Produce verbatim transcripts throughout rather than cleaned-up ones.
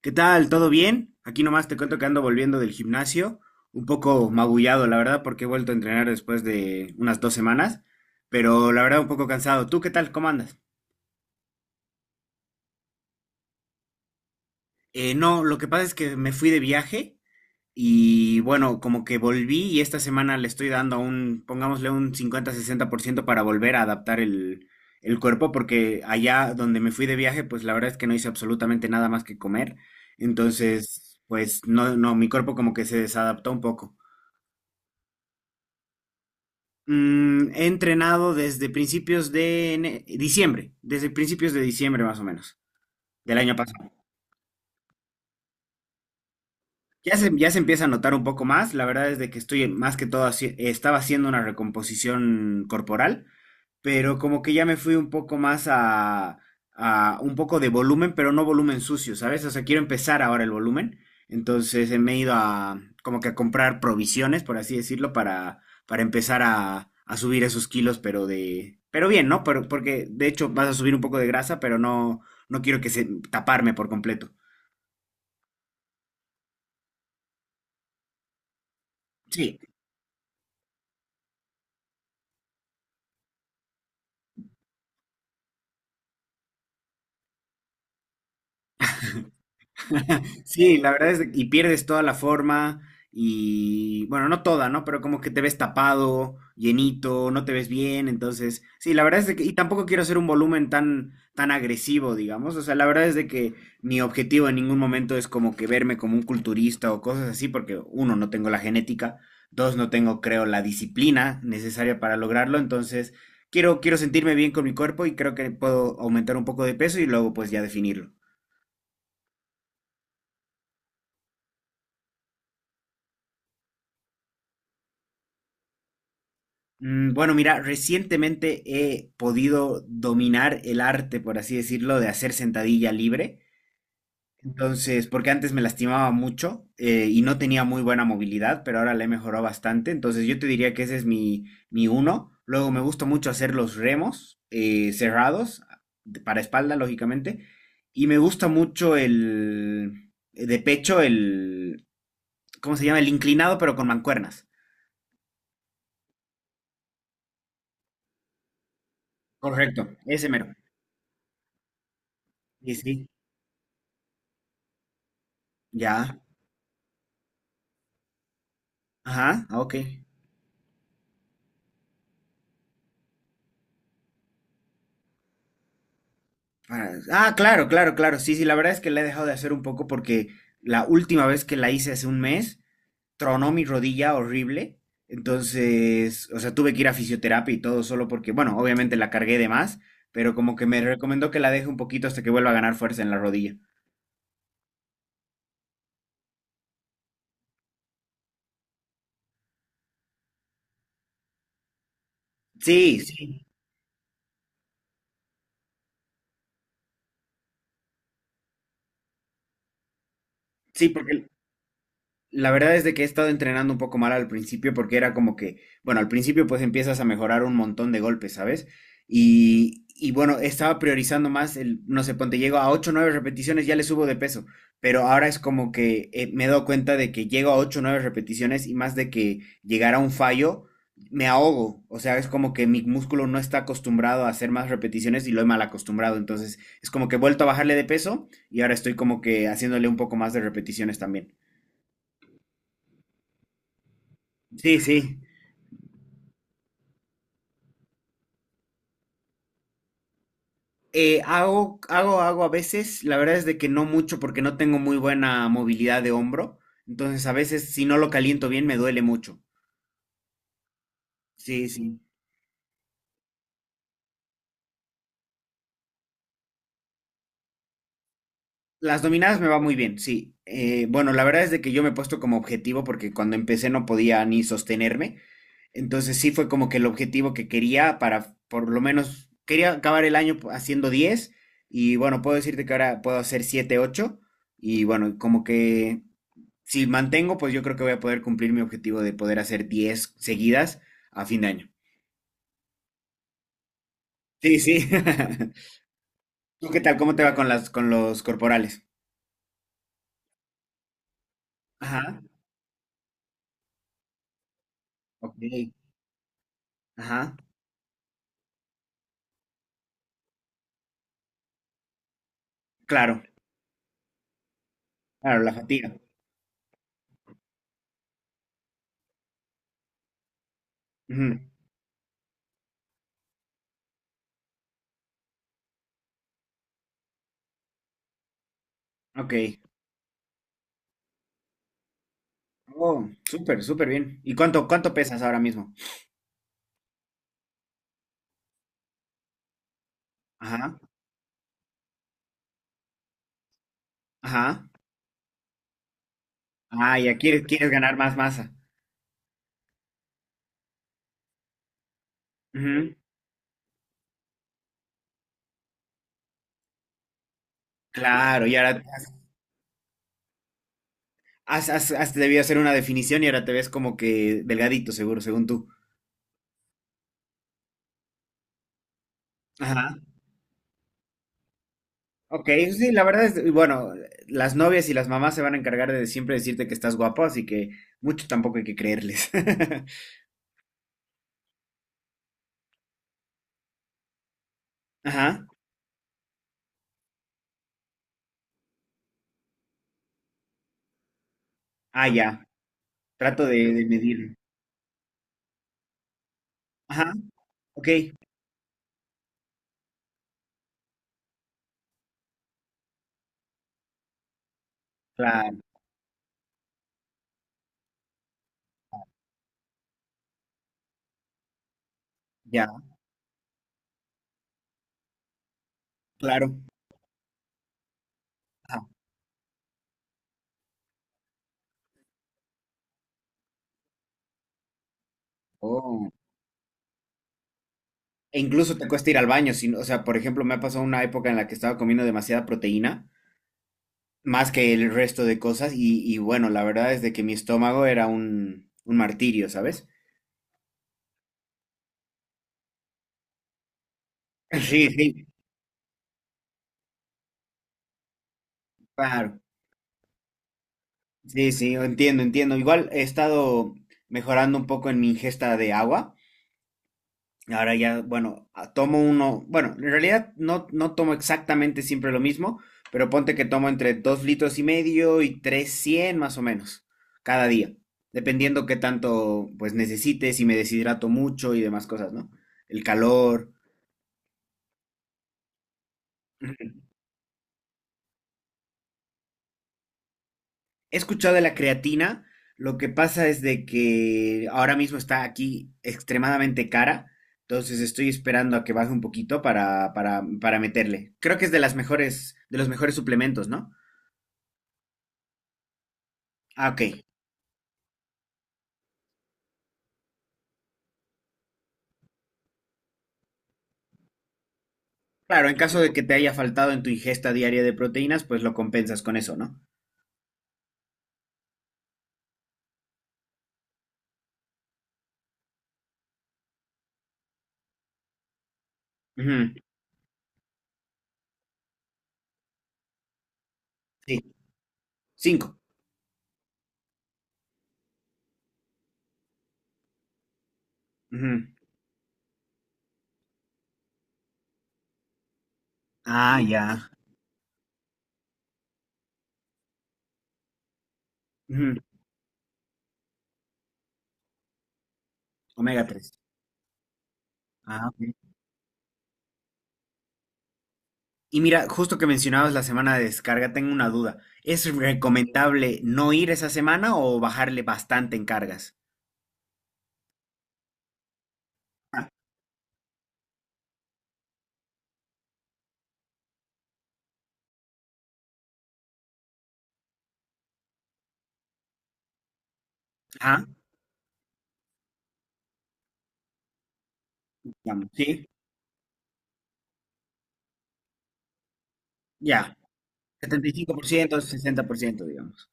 ¿Qué tal? ¿Todo bien? Aquí nomás te cuento que ando volviendo del gimnasio, un poco magullado, la verdad, porque he vuelto a entrenar después de unas dos semanas, pero la verdad un poco cansado. ¿Tú qué tal? ¿Cómo andas? Eh, no, lo que pasa es que me fui de viaje y bueno, como que volví y esta semana le estoy dando un, pongámosle un cincuenta sesenta por ciento para volver a adaptar el, el cuerpo, porque allá donde me fui de viaje, pues la verdad es que no hice absolutamente nada más que comer. Entonces, pues no, no, mi cuerpo como que se desadaptó un poco. Mm, he entrenado desde principios de ene- diciembre, desde principios de diciembre más o menos, del año pasado. Ya se, ya se empieza a notar un poco más, la verdad es de que estoy más que todo, haci- estaba haciendo una recomposición corporal, pero como que ya me fui un poco más a, a, un poco de volumen, pero no volumen sucio, ¿sabes? O sea, quiero empezar ahora el volumen, entonces eh, me he ido a como que a comprar provisiones, por así decirlo, para, para empezar a, a subir esos kilos, pero de, pero bien, ¿no? Pero, porque de hecho vas a subir un poco de grasa, pero no, no quiero que se taparme por completo. Sí, sí, la verdad es que- y pierdes toda la forma y bueno, no toda, ¿no? Pero como que te ves tapado, llenito, no te ves bien, entonces, sí, la verdad es de que y tampoco quiero hacer un volumen tan tan agresivo, digamos, o sea, la verdad es de que mi objetivo en ningún momento es como que verme como un culturista o cosas así, porque uno, no tengo la genética, dos, no tengo, creo, la disciplina necesaria para lograrlo, entonces, quiero quiero sentirme bien con mi cuerpo y creo que puedo aumentar un poco de peso y luego pues ya definirlo. Mm, Bueno, mira, recientemente he podido dominar el arte, por así decirlo, de hacer sentadilla libre. Entonces, porque antes me lastimaba mucho eh, y no tenía muy buena movilidad, pero ahora la he mejorado bastante. Entonces, yo te diría que ese es mi, mi uno. Luego, me gusta mucho hacer los remos eh, cerrados, de- para espalda, lógicamente. Y me gusta mucho el eh, de pecho, el, ¿cómo se llama? El inclinado, pero con mancuernas. Correcto, ese mero. Sí, sí. Ya. Ajá, ah, ok. Ah, ah, claro, claro, claro. Sí, sí, la verdad es que la he dejado de hacer un poco porque la última vez que la hice hace un mes, tronó mi rodilla horrible. Entonces, o sea, tuve que ir a fisioterapia y todo solo porque, bueno, obviamente la cargué de más, pero como que me recomendó que la deje un poquito hasta que vuelva a ganar fuerza en la rodilla. Sí, sí, sí, porque la verdad es de que he estado entrenando un poco mal al principio porque era como que, bueno, al principio pues empiezas a mejorar un montón de golpes, ¿sabes? Y, y bueno, estaba priorizando más el, no sé, ponte, llego a ocho o nueve repeticiones, ya le subo de peso, pero ahora es como que eh, me he dado cuenta de que llego a ocho o nueve repeticiones y más de que llegar a un fallo, me ahogo, o sea, es como que mi músculo no está acostumbrado a hacer más repeticiones y lo he mal acostumbrado, entonces es como que he vuelto a bajarle de peso y ahora estoy como que haciéndole un poco más de repeticiones también. Sí, sí. Eh, hago, hago, hago a veces, la verdad es de que no mucho porque no tengo muy buena movilidad de hombro, entonces a veces si no lo caliento bien me duele mucho. Sí, sí. Las dominadas me va muy bien, sí. Eh, bueno, la verdad es de que yo me he puesto como objetivo porque cuando empecé no podía ni sostenerme, entonces sí fue como que el objetivo que quería para, por lo menos, quería acabar el año haciendo diez y bueno, puedo decirte que ahora puedo hacer siete ocho y bueno, como que si mantengo, pues yo creo que voy a poder cumplir mi objetivo de poder hacer diez seguidas a fin de año. Sí, sí. ¿Tú qué tal? ¿Cómo te va con las, con los corporales? Ajá. Ok. Ajá. Claro, claro, la fatiga. Ujú. Ok. Oh, súper, súper bien. ¿Y cuánto, cuánto pesas ahora mismo? Ajá. Ajá. Ah, ya quieres, quieres ganar más masa. Ujú. Claro, y ahora has, has, has debido hacer una definición y ahora te ves como que delgadito, seguro, según tú. Ajá. Ok, sí, la verdad es, bueno, las novias y las mamás se van a encargar de siempre decirte que estás guapo, así que mucho tampoco hay que creerles. Ajá, ah, ya, trato de, de medir. Ajá, ok, claro, ya, claro. Ajá. Oh. E incluso te cuesta ir al baño, si no- o sea, por ejemplo, me ha pasado una época en la que estaba comiendo demasiada proteína, más que el resto de cosas, y, y bueno, la verdad es de que mi estómago era un, un martirio, ¿sabes? Sí, sí, claro. Sí, sí, entiendo, entiendo. Igual he estado mejorando un poco en mi ingesta de agua. Ahora ya, bueno, a- tomo uno, bueno, en realidad no, no tomo exactamente siempre lo mismo, pero ponte que tomo entre dos litros y medio y trescientos más o menos cada día, dependiendo qué tanto pues necesites, si me deshidrato mucho y demás cosas, ¿no? El calor. He escuchado de la creatina, lo que pasa es de que ahora mismo está aquí extremadamente cara, entonces estoy esperando a que baje un poquito para, para, para meterle. Creo que es de las mejores, de los mejores suplementos, ¿no? Ah, ok. Claro, en caso de que te haya faltado en tu ingesta diaria de proteínas, pues lo compensas con eso, ¿no? Ujú. Sí, cinco. Ujú. Ah, ya. Ujú. Omega tres. Y mira, justo que mencionabas la semana de descarga, tengo una duda. ¿Es recomendable no ir esa semana o bajarle bastante en cargas? Ah, ajá, digamos, sí, ya. Setenta y cinco por ciento, sesenta por ciento, digamos.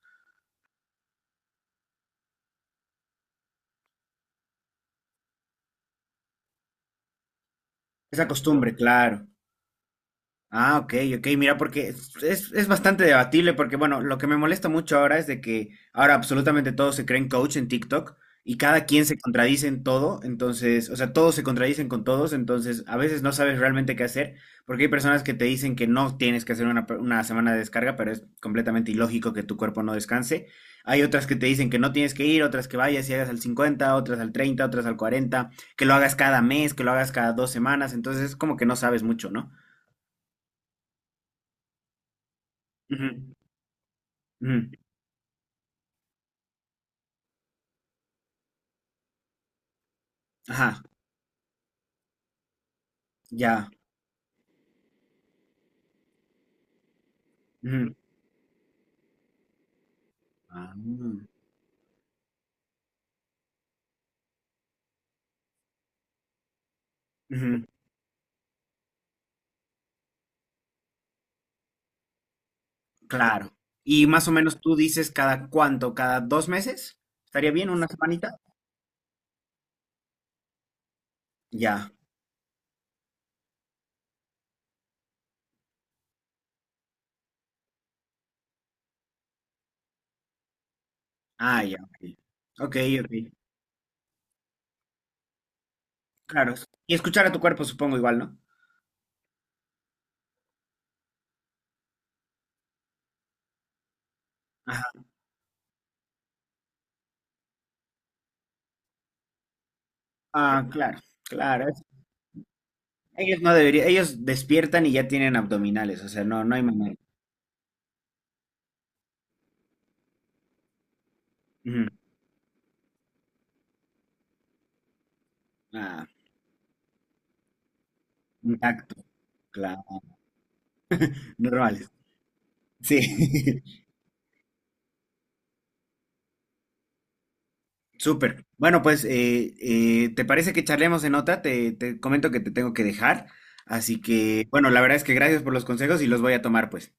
Esa costumbre, claro. Ah, ok, ok, mira, porque es, es- es bastante debatible, porque bueno, lo que me molesta mucho ahora es de que ahora absolutamente todos se creen coach en TikTok y cada quien se contradice en todo, entonces, o sea, todos se contradicen con todos, entonces a veces no sabes realmente qué hacer, porque hay personas que te dicen que no tienes que hacer una, pe- una semana de descarga, pero es completamente ilógico que tu cuerpo no descanse. Hay otras que te dicen que no tienes que ir, otras que vayas y hagas al cincuenta, otras al treinta, otras al cuarenta, que lo hagas cada mes, que lo hagas cada dos semanas, entonces es como que no sabes mucho, ¿no? Ujú. Ujú, ajá, ya. Ujú. Ah, mm, ujú, claro. Y más o menos tú dices cada cuánto, cada dos meses. ¿Estaría bien una semanita? Ya. Ah, ya. Ok, ok, ok, claro. Y escuchar a tu cuerpo, supongo igual, ¿no? Ajá. Ah, claro, claro. es- Ellos no deberían, ellos despiertan y ya tienen abdominales, o sea, no, no hay manera. Ujú. Ah, intacto, claro. Normales. Sí. Súper. Bueno, pues, eh, eh, ¿te parece que charlemos en otra? Te, te comento que te tengo que dejar. Así que, bueno, la verdad es que gracias por los consejos y los voy a tomar, pues.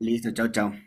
Listo, chao, chao.